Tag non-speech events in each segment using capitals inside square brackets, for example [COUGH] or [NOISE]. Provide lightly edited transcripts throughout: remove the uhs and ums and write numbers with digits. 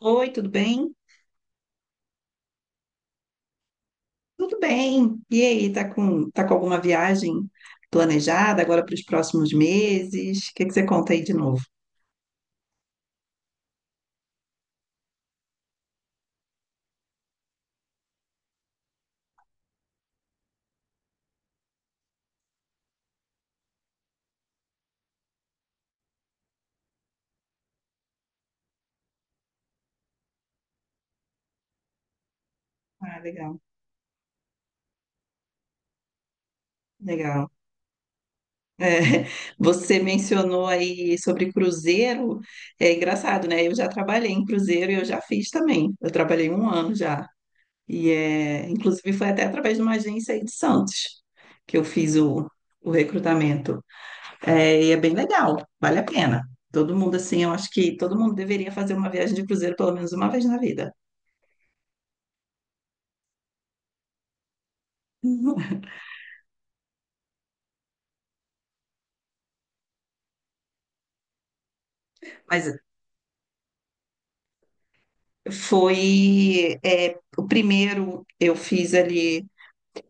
Oi, tudo bem? Tudo bem. E aí, tá com alguma viagem planejada agora para os próximos meses? O que que você conta aí de novo? Ah, legal, legal. É, [LAUGHS] você mencionou aí sobre cruzeiro. É engraçado, né? Eu já trabalhei em cruzeiro e eu já fiz também. Eu trabalhei um ano já. E inclusive foi até através de uma agência aí de Santos que eu fiz o recrutamento. E é bem legal, vale a pena. Todo mundo, assim, eu acho que todo mundo deveria fazer uma viagem de cruzeiro pelo menos uma vez na vida. [LAUGHS] Mas o primeiro eu fiz ali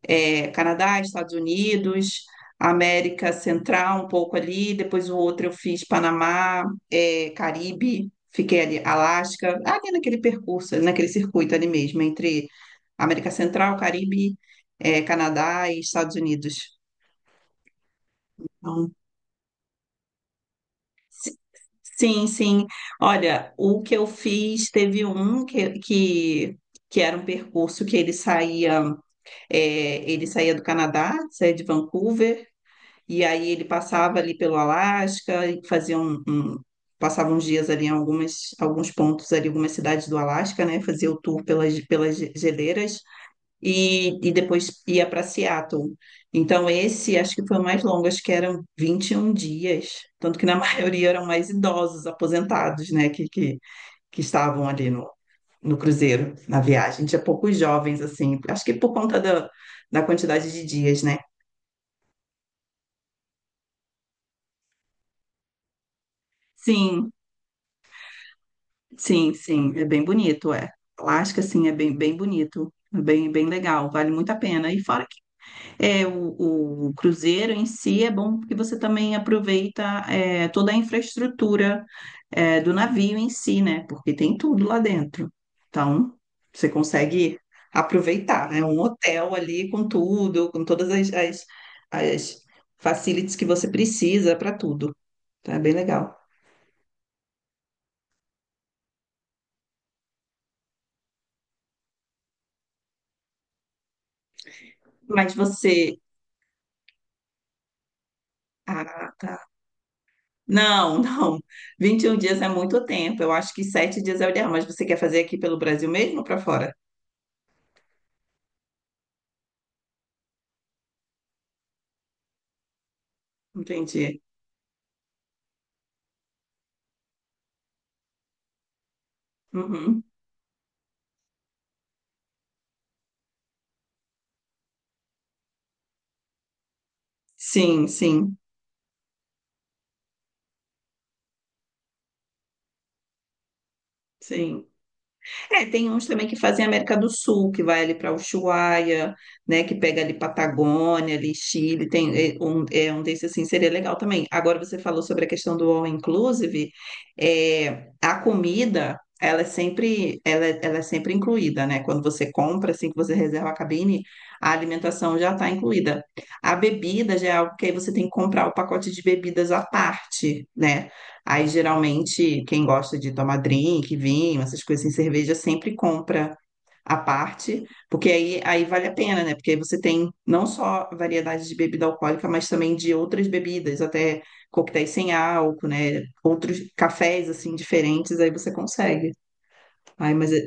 Canadá, Estados Unidos, América Central um pouco ali, depois o outro eu fiz Panamá, Caribe, fiquei ali, Alasca, ali naquele percurso, naquele circuito ali mesmo, entre América Central, Caribe, Canadá e Estados Unidos. Então, sim, sim. Olha, o que eu fiz, teve um que era um percurso que ele saía, ele saía do Canadá, saía de Vancouver, e aí ele passava ali pelo Alasca e fazia passava uns dias ali em algumas, alguns pontos ali, algumas cidades do Alasca, né? Fazia o tour pelas geleiras e depois ia para Seattle. Então, esse acho que foi o mais longo, acho que eram 21 dias. Tanto que na [LAUGHS] maioria eram mais idosos, aposentados, né, que estavam ali no cruzeiro, na viagem. Tinha poucos jovens, assim, acho que por conta da quantidade de dias, né? Sim, sim, sim, é bem bonito, é. Alasca, sim, é bem, bem bonito, é bem, bem legal, vale muito a pena. O o, cruzeiro em si é bom porque você também aproveita toda a infraestrutura do navio em si, né? Porque tem tudo lá dentro. Então, você consegue aproveitar, né? Um hotel ali com tudo, com todas as facilities que você precisa para tudo. Tá. É bem legal. Mas você. Ah, tá. Não, [LAUGHS] não. 21 dias é muito tempo. Eu acho que 7 dias é o ideal. Mas você quer fazer aqui pelo Brasil mesmo ou para fora? Entendi. Uhum. Sim, sim, sim. É, tem uns também que fazem América do Sul, que vai ali para Ushuaia, né, que pega ali Patagônia, ali Chile, tem um desses assim, seria legal também. Agora você falou sobre a questão do all inclusive, a comida, ela é sempre, ela é sempre incluída, né? Quando você compra, assim, que você reserva a cabine, a alimentação já está incluída. A bebida já é algo que aí você tem que comprar o pacote de bebidas à parte, né? Aí, geralmente, quem gosta de tomar drink, vinho, essas coisas em cerveja, sempre compra à parte, porque aí vale a pena, né? Porque aí você tem não só variedade de bebida alcoólica, mas também de outras bebidas, até coquetéis sem álcool, né? Outros cafés, assim, diferentes, aí você consegue. Ai, mas é.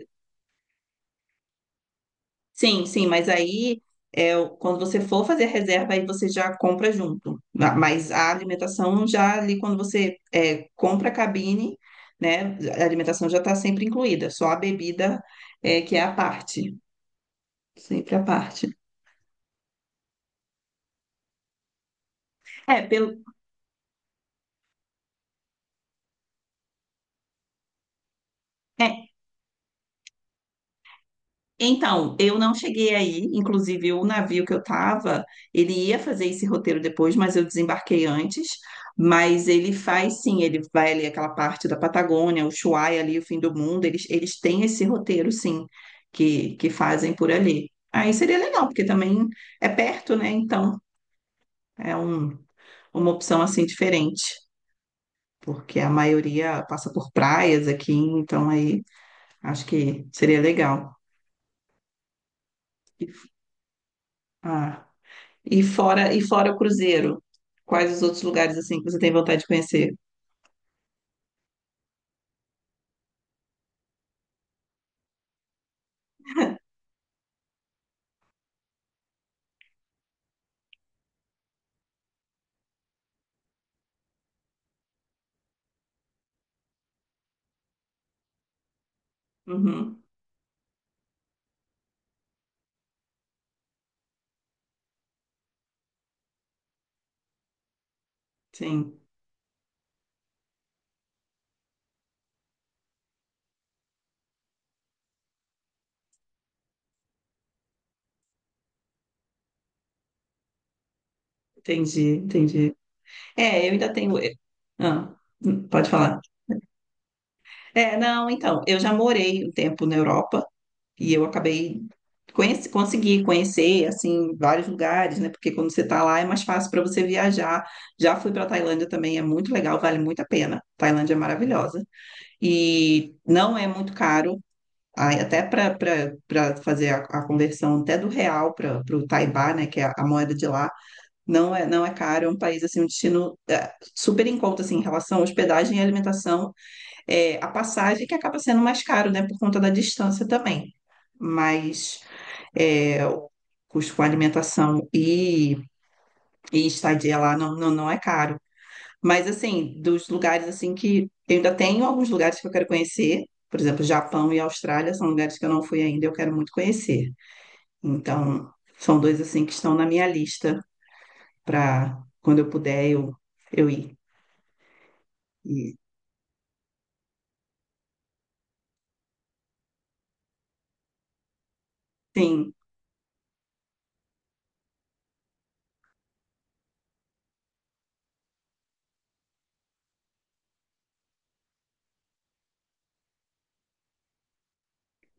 Sim, sim. Mas aí, quando você for fazer a reserva, aí você já compra junto. Mas a alimentação já ali, quando você compra a cabine, né? A alimentação já está sempre incluída, só a bebida que é à parte, sempre à parte. É, pelo. Então, eu não cheguei aí, inclusive o navio que eu estava, ele ia fazer esse roteiro depois, mas eu desembarquei antes. Mas ele faz sim, ele vai ali aquela parte da Patagônia, o Ushuaia ali, o fim do mundo, eles têm esse roteiro sim, que fazem por ali. Aí seria legal, porque também é perto, né? Então, é uma opção assim diferente, porque a maioria passa por praias aqui, então aí acho que seria legal. Ah. E fora o cruzeiro, quais os outros lugares assim que você tem vontade de conhecer? Uhum, sim, entendi, entendi. É, eu ainda tenho. Ah, pode falar. Não, então, eu já morei um tempo na Europa e eu acabei conheci, consegui conhecer assim vários lugares, né? Porque quando você está lá é mais fácil para você viajar. Já fui para Tailândia também, é muito legal, vale muito a pena. Tailândia é maravilhosa e não é muito caro. Aí, até para fazer a conversão até do real para o Taibá, né, que é a moeda de lá, não é, não é caro, é um país, assim, um destino super em conta, assim, em relação à hospedagem e alimentação, a passagem que acaba sendo mais caro, né, por conta da distância também, mas é, o custo com alimentação e estadia lá não, não, não é caro. Mas assim, dos lugares assim que eu ainda tenho alguns lugares que eu quero conhecer, por exemplo, Japão e Austrália são lugares que eu não fui ainda e eu quero muito conhecer. Então, são dois assim que estão na minha lista para quando eu puder eu ir. E, sim,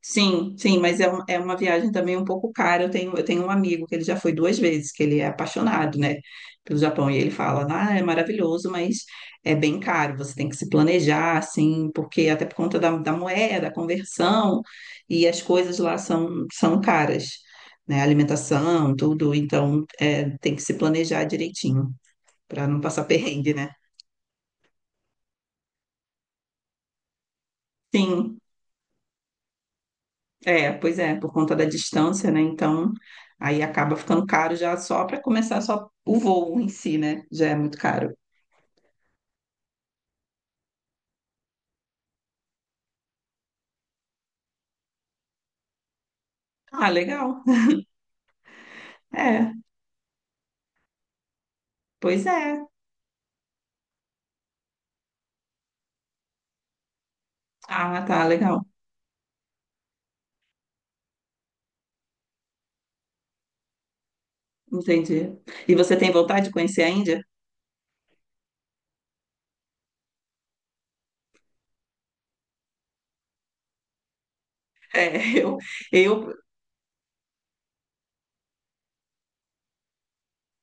sim, sim, mas é uma viagem também um pouco cara. Eu tenho um amigo que ele já foi duas vezes, que ele é apaixonado, né, pelo Japão. E ele fala, ah, é maravilhoso, mas é bem caro. Você tem que se planejar, assim, porque até por conta da moeda, a conversão, e as coisas lá são caras, né? A alimentação, tudo. Então, tem que se planejar direitinho, para não passar [LAUGHS] perrengue, né? Sim. É, pois é, por conta da distância, né? Então, aí acaba ficando caro já só para começar só o voo em si, né? Já é muito caro. Ah, legal. É, pois é. Ah, tá, legal. Entendi. E você tem vontade de conhecer a Índia? É, [LAUGHS] eu,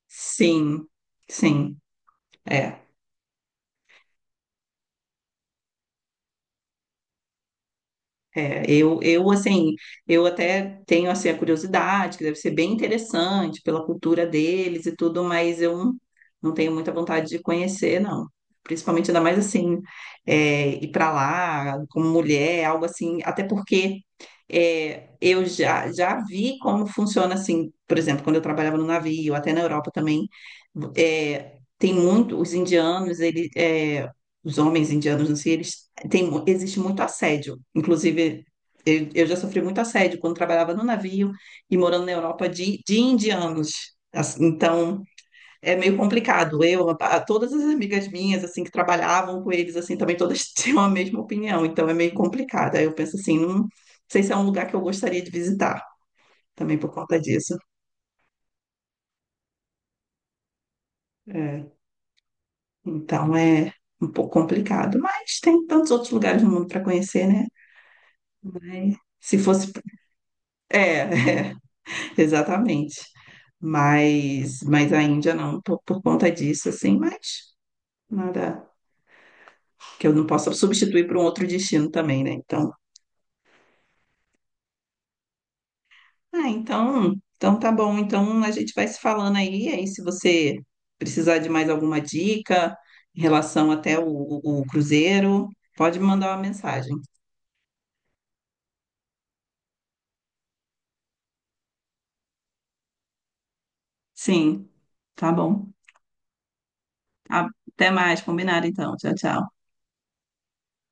sim, sim. É. É, assim, eu até tenho, assim, a curiosidade, que deve ser bem interessante pela cultura deles e tudo, mas eu não não tenho muita vontade de conhecer, não. Principalmente, ainda mais, assim, ir para lá como mulher, algo assim, até porque eu já vi como funciona, assim, por exemplo, quando eu trabalhava no navio, até na Europa também, tem muito, os indianos, eles os homens indianos no si, eles tem, existe muito assédio. Inclusive, eu já sofri muito assédio quando trabalhava no navio e morando na Europa de indianos. Assim, então, é meio complicado. Eu, todas as amigas minhas, assim, que trabalhavam com eles, assim, também todas [LAUGHS] tinham a mesma opinião. Então, é meio complicado. Aí eu penso assim, não sei se é um lugar que eu gostaria de visitar, também por conta disso. É. Então, é um pouco complicado. Mas tem tantos outros lugares no mundo para conhecer, né? Mas se fosse. É, [LAUGHS] é, exatamente. Mas a Índia não, por conta disso, assim, mas nada que eu não possa substituir por um outro destino também, né? Então, ah, então tá bom. Então a gente vai se falando aí, aí se você precisar de mais alguma dica em relação até o cruzeiro, pode me mandar uma mensagem. Sim, tá bom. Ah, até mais, combinado então. Tchau, tchau.